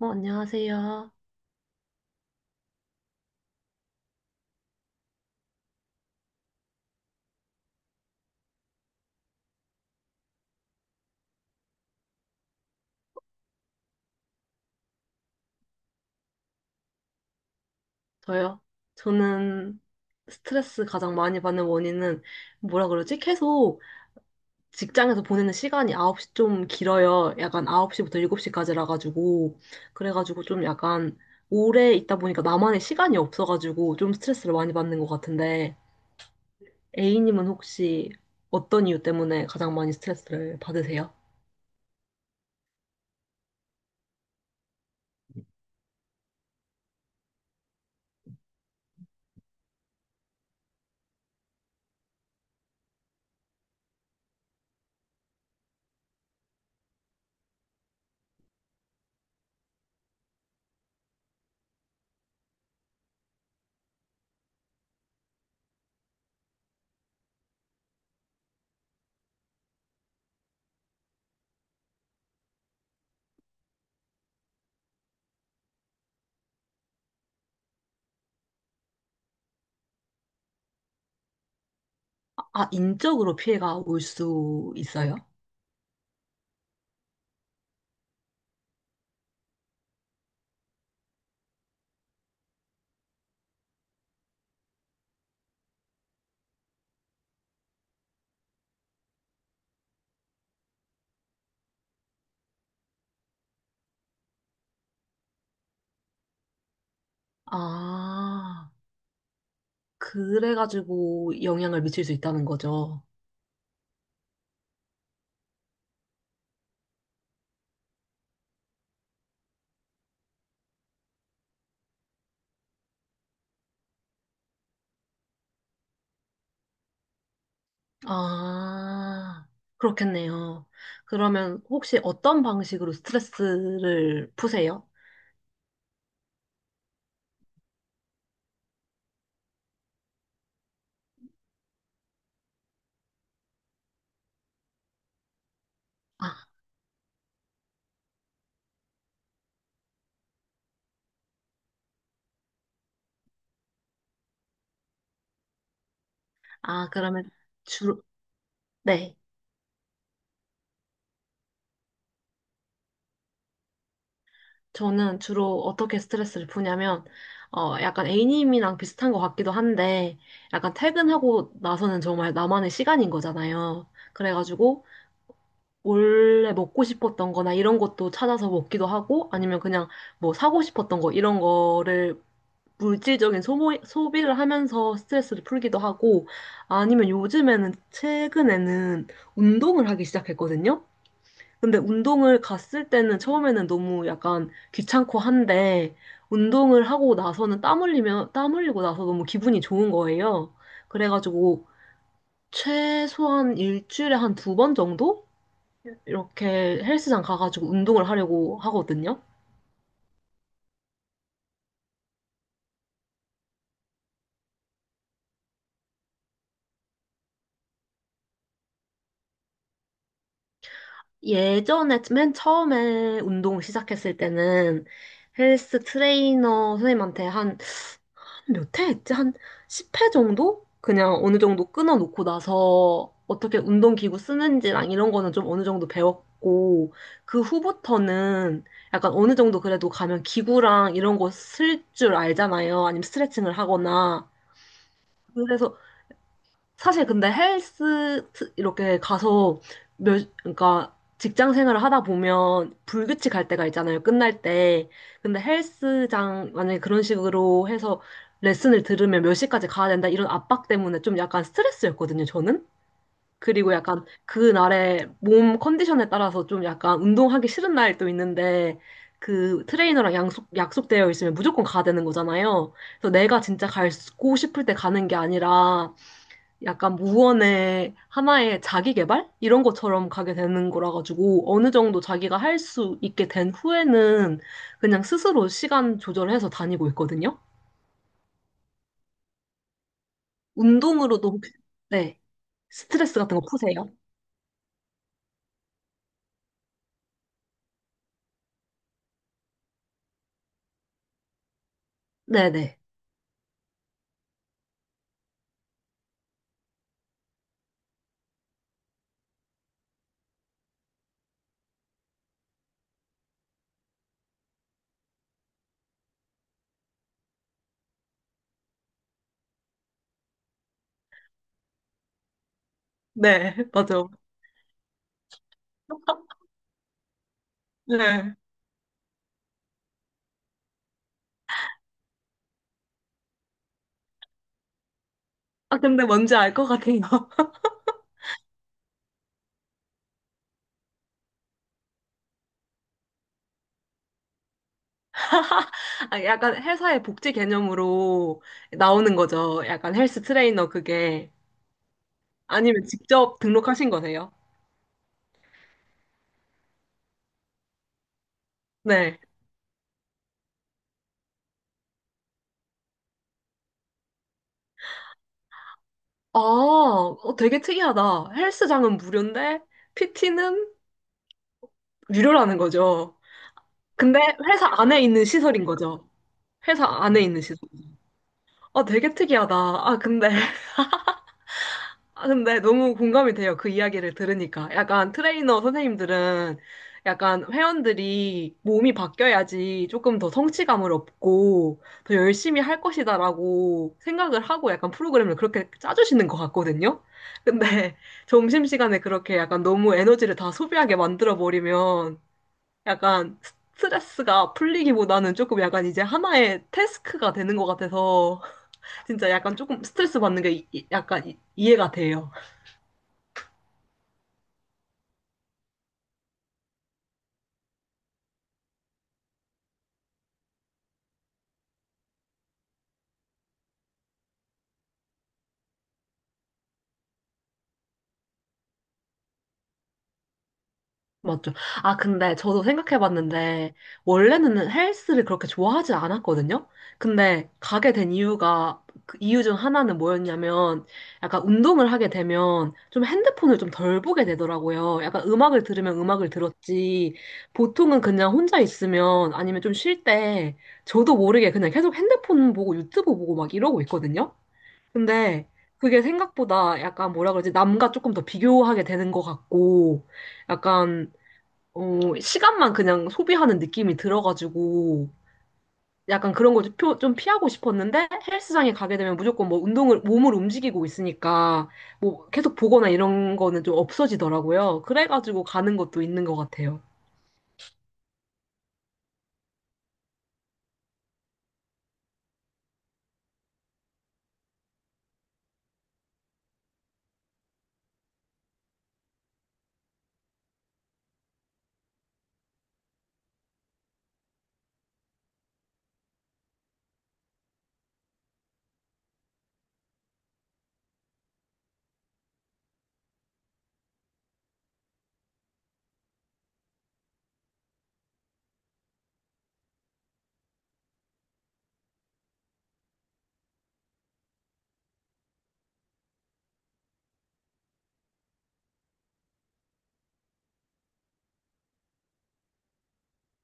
어, 안녕하세요. 저요. 저는 스트레스 가장 많이 받는 원인은 뭐라 그러지? 계속 직장에서 보내는 시간이 9시 좀 길어요. 약간 9시부터 7시까지라 가지고 그래가지고 좀 약간 오래 있다 보니까 나만의 시간이 없어 가지고 좀 스트레스를 많이 받는 것 같은데 A님은 혹시 어떤 이유 때문에 가장 많이 스트레스를 받으세요? 아, 인적으로 피해가 올 수 있어요? 아. 그래가지고 영향을 미칠 수 있다는 거죠. 아, 그렇겠네요. 그러면 혹시 어떤 방식으로 스트레스를 푸세요? 아, 아, 그러면 주로, 네. 저는 주로 어떻게 스트레스를 푸냐면, 어, 약간 A님이랑 비슷한 것 같기도 한데, 약간 퇴근하고 나서는 정말 나만의 시간인 거잖아요. 그래가지고, 원래 먹고 싶었던 거나 이런 것도 찾아서 먹기도 하고, 아니면 그냥 뭐 사고 싶었던 거, 이런 거를 물질적인 소모, 소비를 하면서 스트레스를 풀기도 하고, 아니면 요즘에는, 최근에는 운동을 하기 시작했거든요? 근데 운동을 갔을 때는 처음에는 너무 약간 귀찮고 한데, 운동을 하고 나서는 땀 흘리면, 땀 흘리고 나서 너무 기분이 좋은 거예요. 그래가지고, 최소한 일주일에 한 두 번 정도? 이렇게 헬스장 가가지고 운동을 하려고 하거든요? 예전에 맨 처음에 운동 시작했을 때는 헬스 트레이너 선생님한테 한 몇 회 했지? 한 10회 정도? 그냥 어느 정도 끊어놓고 나서 어떻게 운동기구 쓰는지랑 이런 거는 좀 어느 정도 배웠고 그 후부터는 약간 어느 정도 그래도 가면 기구랑 이런 거 쓸 줄 알잖아요. 아니면 스트레칭을 하거나. 그래서 사실 근데 이렇게 가서 몇, 그러니까 직장 생활을 하다 보면 불규칙할 때가 있잖아요. 끝날 때. 근데 헬스장 만약에 그런 식으로 해서 레슨을 들으면 몇 시까지 가야 된다 이런 압박 때문에 좀 약간 스트레스였거든요, 저는. 그리고 약간 그날의 몸 컨디션에 따라서 좀 약간 운동하기 싫은 날도 있는데 그 트레이너랑 약속되어 있으면 무조건 가야 되는 거잖아요. 그래서 내가 진짜 가고 싶을 때 가는 게 아니라 약간 무언의 하나의 자기 개발? 이런 것처럼 가게 되는 거라 가지고 어느 정도 자기가 할 수 있게 된 후에는 그냥 스스로 시간 조절해서 다니고 있거든요. 운동으로도 혹시, 네, 스트레스 같은 거 푸세요? 네네. 네, 맞아요. 네. 아, 근데 뭔지 알 것 같아요. 아, 약간 회사의 복지 개념으로 나오는 거죠. 약간 헬스 트레이너 그게. 아니면 직접 등록하신 거세요? 네. 아, 어, 되게 특이하다. 헬스장은 무료인데 PT는 유료라는 거죠. 근데 회사 안에 있는 시설인 거죠. 회사 안에 있는 시설. 아, 되게 특이하다. 아, 근데 아, 근데 너무 공감이 돼요. 그 이야기를 들으니까. 약간 트레이너 선생님들은 약간 회원들이 몸이 바뀌어야지 조금 더 성취감을 얻고 더 열심히 할 것이다라고 생각을 하고 약간 프로그램을 그렇게 짜주시는 것 같거든요. 근데 점심시간에 그렇게 약간 너무 에너지를 다 소비하게 만들어버리면 약간 스트레스가 풀리기보다는 조금 약간 이제 하나의 태스크가 되는 것 같아서 진짜 약간 조금 스트레스 받는 게 이해가 돼요. 맞죠. 아, 근데 저도 생각해봤는데, 원래는 헬스를 그렇게 좋아하지 않았거든요? 근데 가게 된 이유가, 그 이유 중 하나는 뭐였냐면, 약간 운동을 하게 되면 좀 핸드폰을 좀 덜 보게 되더라고요. 약간 음악을 들으면 음악을 들었지, 보통은 그냥 혼자 있으면 아니면 좀 쉴 때, 저도 모르게 그냥 계속 핸드폰 보고 유튜브 보고 막 이러고 있거든요? 근데 그게 생각보다 약간 뭐라 그러지, 남과 조금 더 비교하게 되는 것 같고, 약간 어, 시간만 그냥 소비하는 느낌이 들어가지고 약간 그런 걸 좀 피하고 싶었는데 헬스장에 가게 되면 무조건 뭐 운동을 몸을 움직이고 있으니까 뭐 계속 보거나 이런 거는 좀 없어지더라고요. 그래가지고 가는 것도 있는 것 같아요.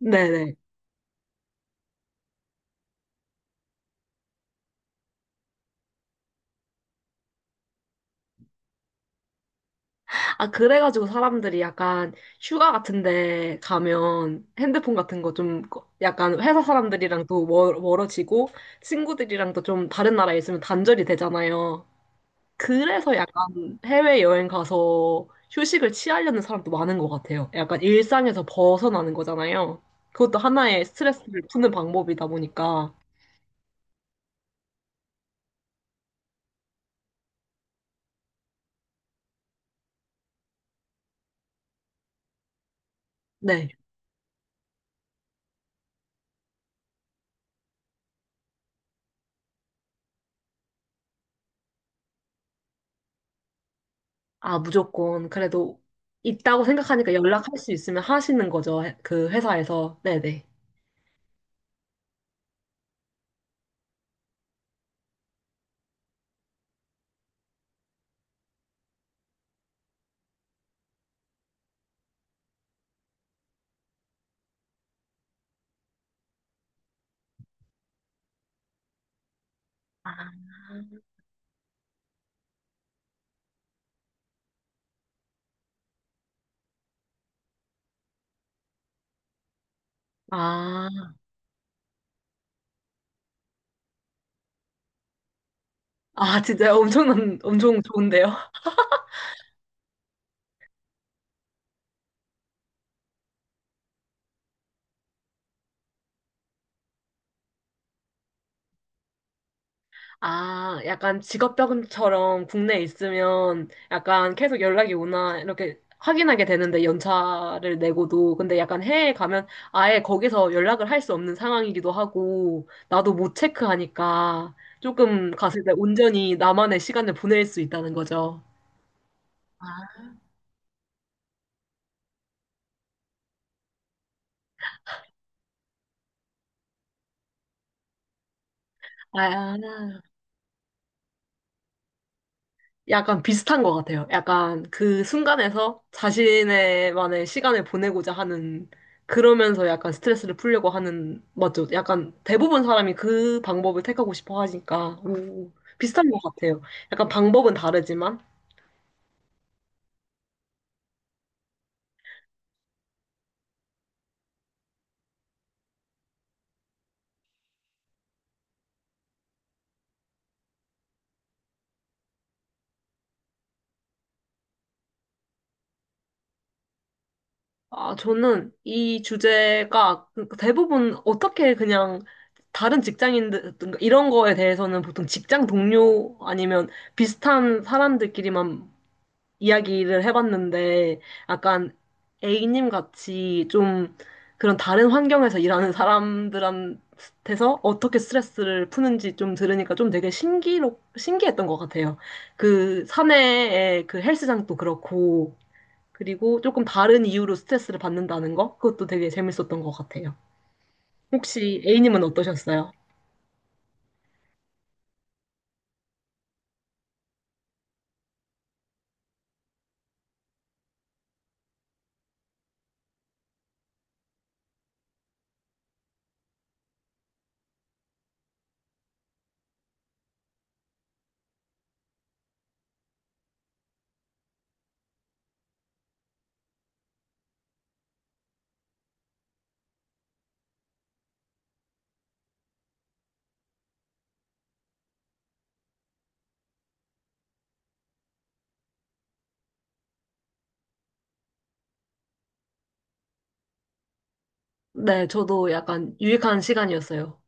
네네. 아, 그래가지고 사람들이 약간 휴가 같은데 가면 핸드폰 같은 거 좀 약간 회사 사람들이랑도 멀어지고 친구들이랑도 좀 다른 나라에 있으면 단절이 되잖아요. 그래서 약간 해외여행 가서 휴식을 취하려는 사람도 많은 것 같아요. 약간 일상에서 벗어나는 거잖아요. 그것도 하나의 스트레스를 푸는 방법이다 보니까. 네. 아, 무조건. 그래도 있다고 생각하니까 연락할 수 있으면 하시는 거죠. 그 회사에서. 네네. 아, 아, 아, 진짜 엄청난, 엄청 좋은데요? 아, 약간 직업병처럼 국내에 있으면 약간 계속 연락이 오나 이렇게 확인하게 되는데 연차를 내고도 근데 약간 해외에 가면 아예 거기서 연락을 할 수 없는 상황이기도 하고 나도 못 체크하니까 조금 갔을 때 온전히 나만의 시간을 보낼 수 있다는 거죠. 아, 약간 비슷한 것 같아요. 약간 그 순간에서 자신의만의 시간을 보내고자 하는, 그러면서 약간 스트레스를 풀려고 하는, 맞죠? 약간 대부분 사람이 그 방법을 택하고 싶어 하니까, 오, 비슷한 것 같아요. 약간 방법은 다르지만, 아, 저는 이 주제가 그 대부분 어떻게 그냥 다른 직장인들, 이런 거에 대해서는 보통 직장 동료 아니면 비슷한 사람들끼리만 이야기를 해봤는데 약간 A님 같이 좀 그런 다른 환경에서 일하는 사람들한테서 어떻게 스트레스를 푸는지 좀 들으니까 좀 되게 신기했던 것 같아요. 그 사내의 그 헬스장도 그렇고 그리고 조금 다른 이유로 스트레스를 받는다는 거 그것도 되게 재밌었던 것 같아요. 혹시 A님은 어떠셨어요? 네, 저도 약간 유익한 시간이었어요.